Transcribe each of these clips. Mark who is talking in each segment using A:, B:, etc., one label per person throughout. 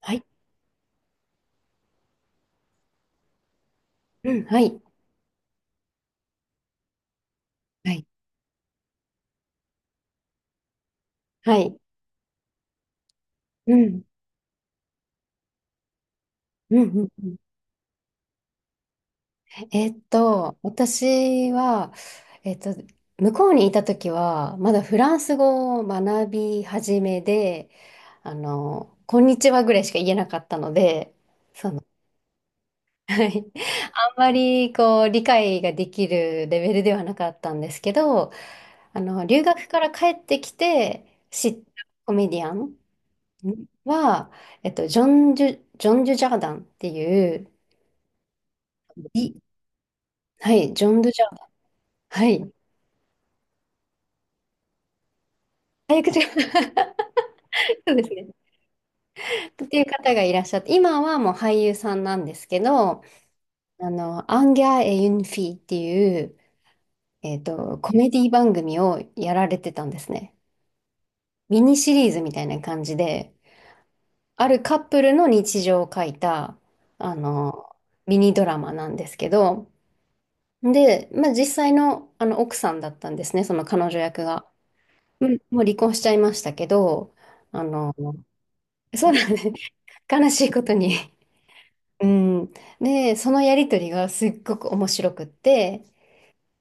A: はい。うん、はい。はい。はい。うん。うん。うんうん。私は、えーっと、向こうにいた時は、まだフランス語を学び始めで、こんにちはぐらいしか言えなかったので。はい。あんまり、こう、理解ができるレベルではなかったんですけど、留学から帰ってきて知ったコメディアンは、ジョンジュジャーダンっていう、はい、ジョン・ドゥジャン。はい。早口が。 そうですね。っていう方がいらっしゃって、今はもう俳優さんなんですけど、アンギャー・エ・ユンフィっていう、コメディ番組をやられてたんですね。ミニシリーズみたいな感じで、あるカップルの日常を書いた、あの、ミニドラマなんですけど、で、まあ、実際の、あの奥さんだったんですね、その彼女役が。うん。もう離婚しちゃいましたけど、あの、そうなんです。悲しいことに。うん。で、そのやりとりがすっごく面白くって、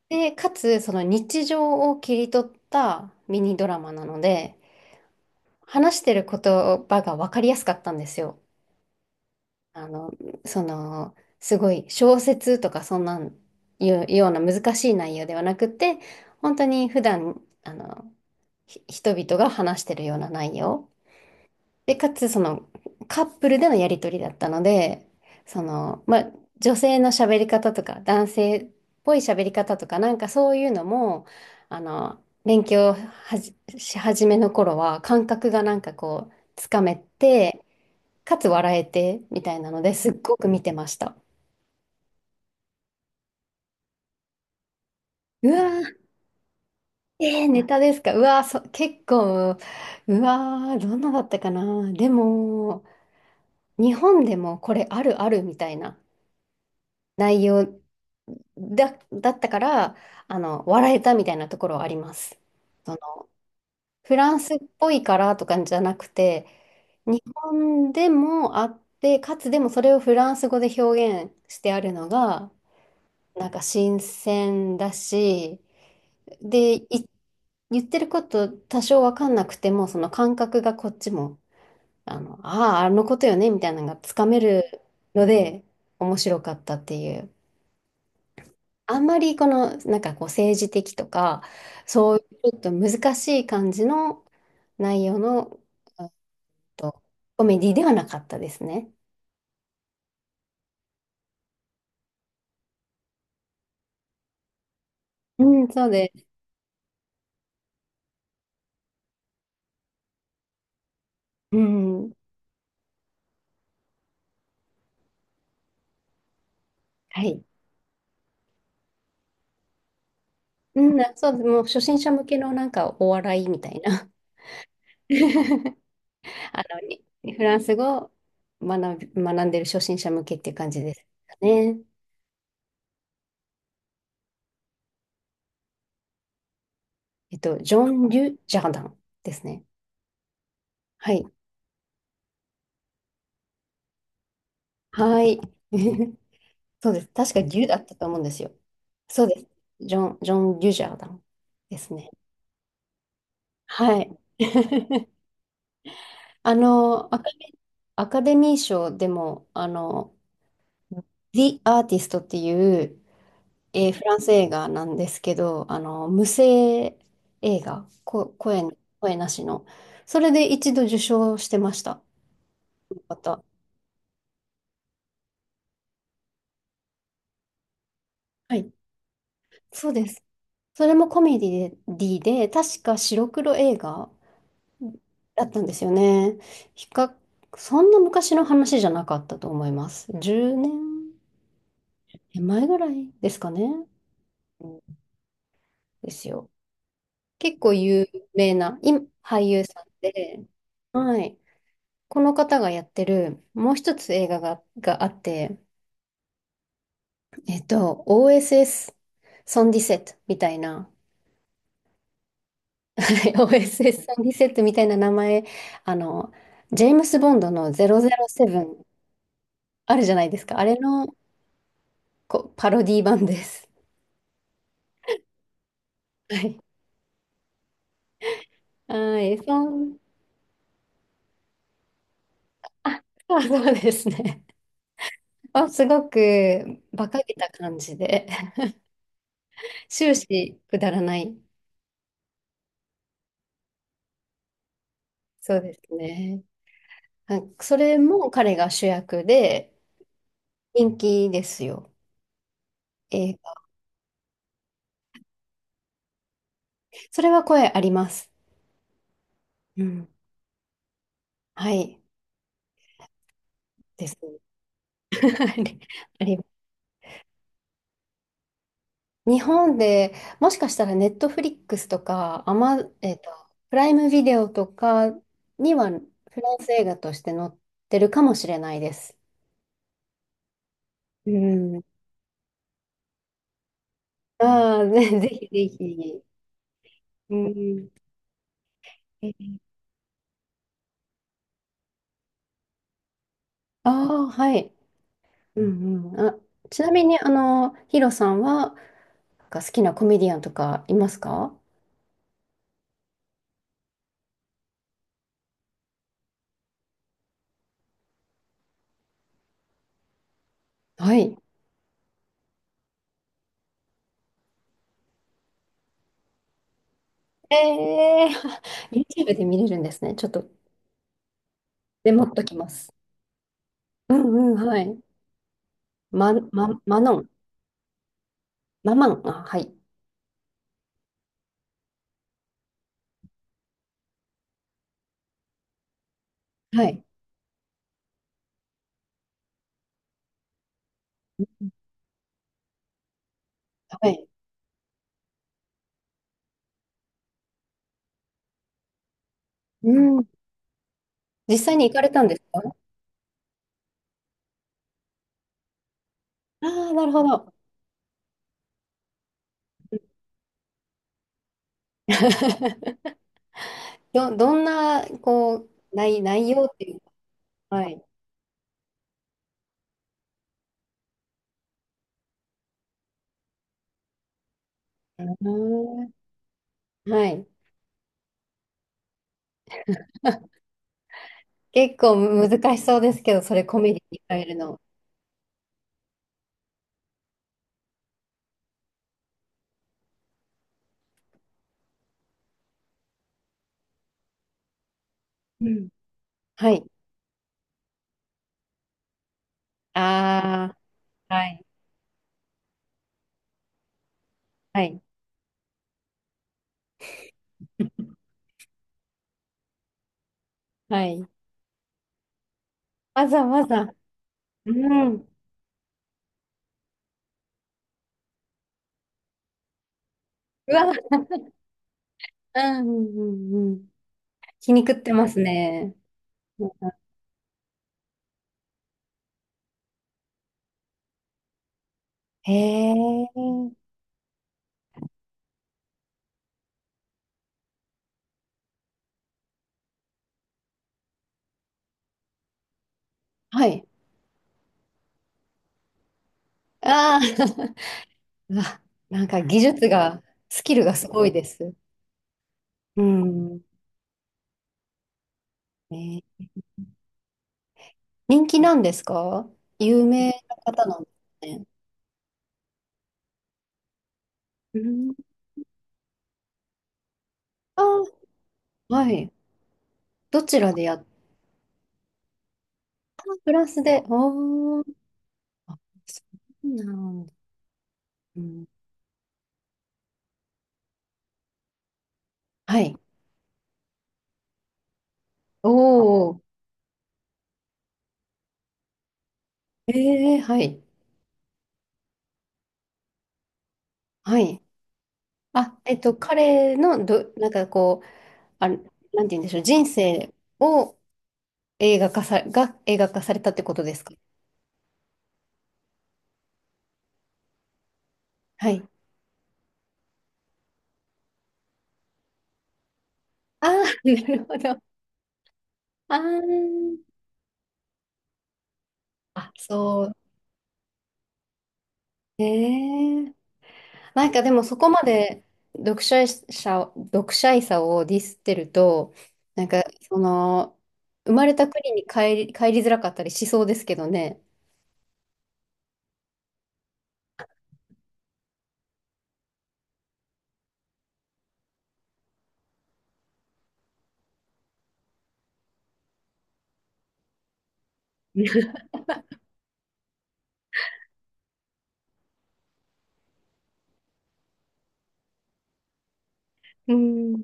A: で、かつ、その日常を切り取ったミニドラマなので、話してる言葉が分かりやすかったんですよ。あの、その、すごい小説とかそんなんいうような難しい内容ではなくて、本当に普段、人々が話してるような内容。で、かつ、その、カップルでのやりとりだったので、その、まあ、女性の喋り方とか、男性っぽい喋り方とか、なんかそういうのも、勉強し始めの頃は、感覚がなんかこう、つかめて、かつ笑えて、みたいなのですっごく見てました。うわー、ネタですか？うわー、結構、うわー、どんなだったかな。でも、日本でもこれあるあるみたいな内容だったから、笑えたみたいなところはあります。その、フランスっぽいからとかじゃなくて、日本でもあって、かつでもそれをフランス語で表現してあるのが、なんか新鮮だし、で、言ってること多少わかんなくても、その感覚がこっちも、ああ、あのことよね、みたいなのがつかめるので、面白かったっていう。あんまりこの、なんかこう政治的とか、そういうちょっと難しい感じの内容の、あと、コメディではなかったですね。うん、そうです。うん、はい。うん、あ、そうで、もう初心者向けのなんかお笑いみたいな。あの、にフランス語を学んでる初心者向けっていう感じですかね。ジョン・リュ・ジャーダンですね。はい。はい。そうです。確か牛だったと思うんですよ。そうです。ジョン・デュジャーダンですね。はい。あの、アカアカデミー賞でも、The Artist っていう、フランス映画なんですけど、無声映画、声なしの。それで一度受賞してました。また。はい。そうです。それもコメディで、確か白黒映画だったんですよね。比較、そんな昔の話じゃなかったと思います。10年前ぐらいですかね。うんですよ。結構有名な、今、俳優さんで、はい。この方がやってる、もう一つ映画があって、OSS ソンディセットみたいな、OSS ソンディセットみたいな名前、あの、ジェームス・ボンドの007あるじゃないですか。あれのこうパロディ版です。はい。はい、あ、そうそうですね。あ、すごく馬鹿げた感じで、終始くだらない。そうですね。はい、それも彼が主役で人気ですよ。映画。それは声あります。うん。はい。です。はい、あり日本でもしかしたらネットフリックスとか、プライムビデオとかにはフランス映画として載ってるかもしれないです。うん。ああ、ぜひぜひ。うん。ああ、はい。うんうん。あ、ちなみに、ヒロさんは、なんか好きなコメディアンとかいますか？はい。えー、YouTube で見れるんですね。ちょっと、メモっときます。うんうん、はい。マノン。ママン。あ、はい。はい。うん。はい。うん。実際に行かれたんですか？ああー、なるほど。どんな、こう、内容っていうか。はい。うーん。はい。結構難しそうですけど、それコメディに変えるの？うん。はい。ああ、はい。はい。はい。わざわざ。うん。うわ、うん、うん、うん。うん、気に食ってますね。へえ。はい。ああ、うわ、なんか技術が、スキルがすごいです。うん。えー人気なんですか？有名な方なんですね。うん。ああ、はい。どちらでやっプラスで、おー、あ、そうなんだ。うん、はい。おー、はい。はい。あ、彼のど、なんかこう、あ、なんて言うんでしょう、人生を映画化さ、が映画化されたってことですか？はい。あー、なるほど。あー、あ、そう。えーなんかでもそこまで読者者、読者いさをディスってると、なんかその、生まれた国に帰りづらかったりしそうですけどね。うん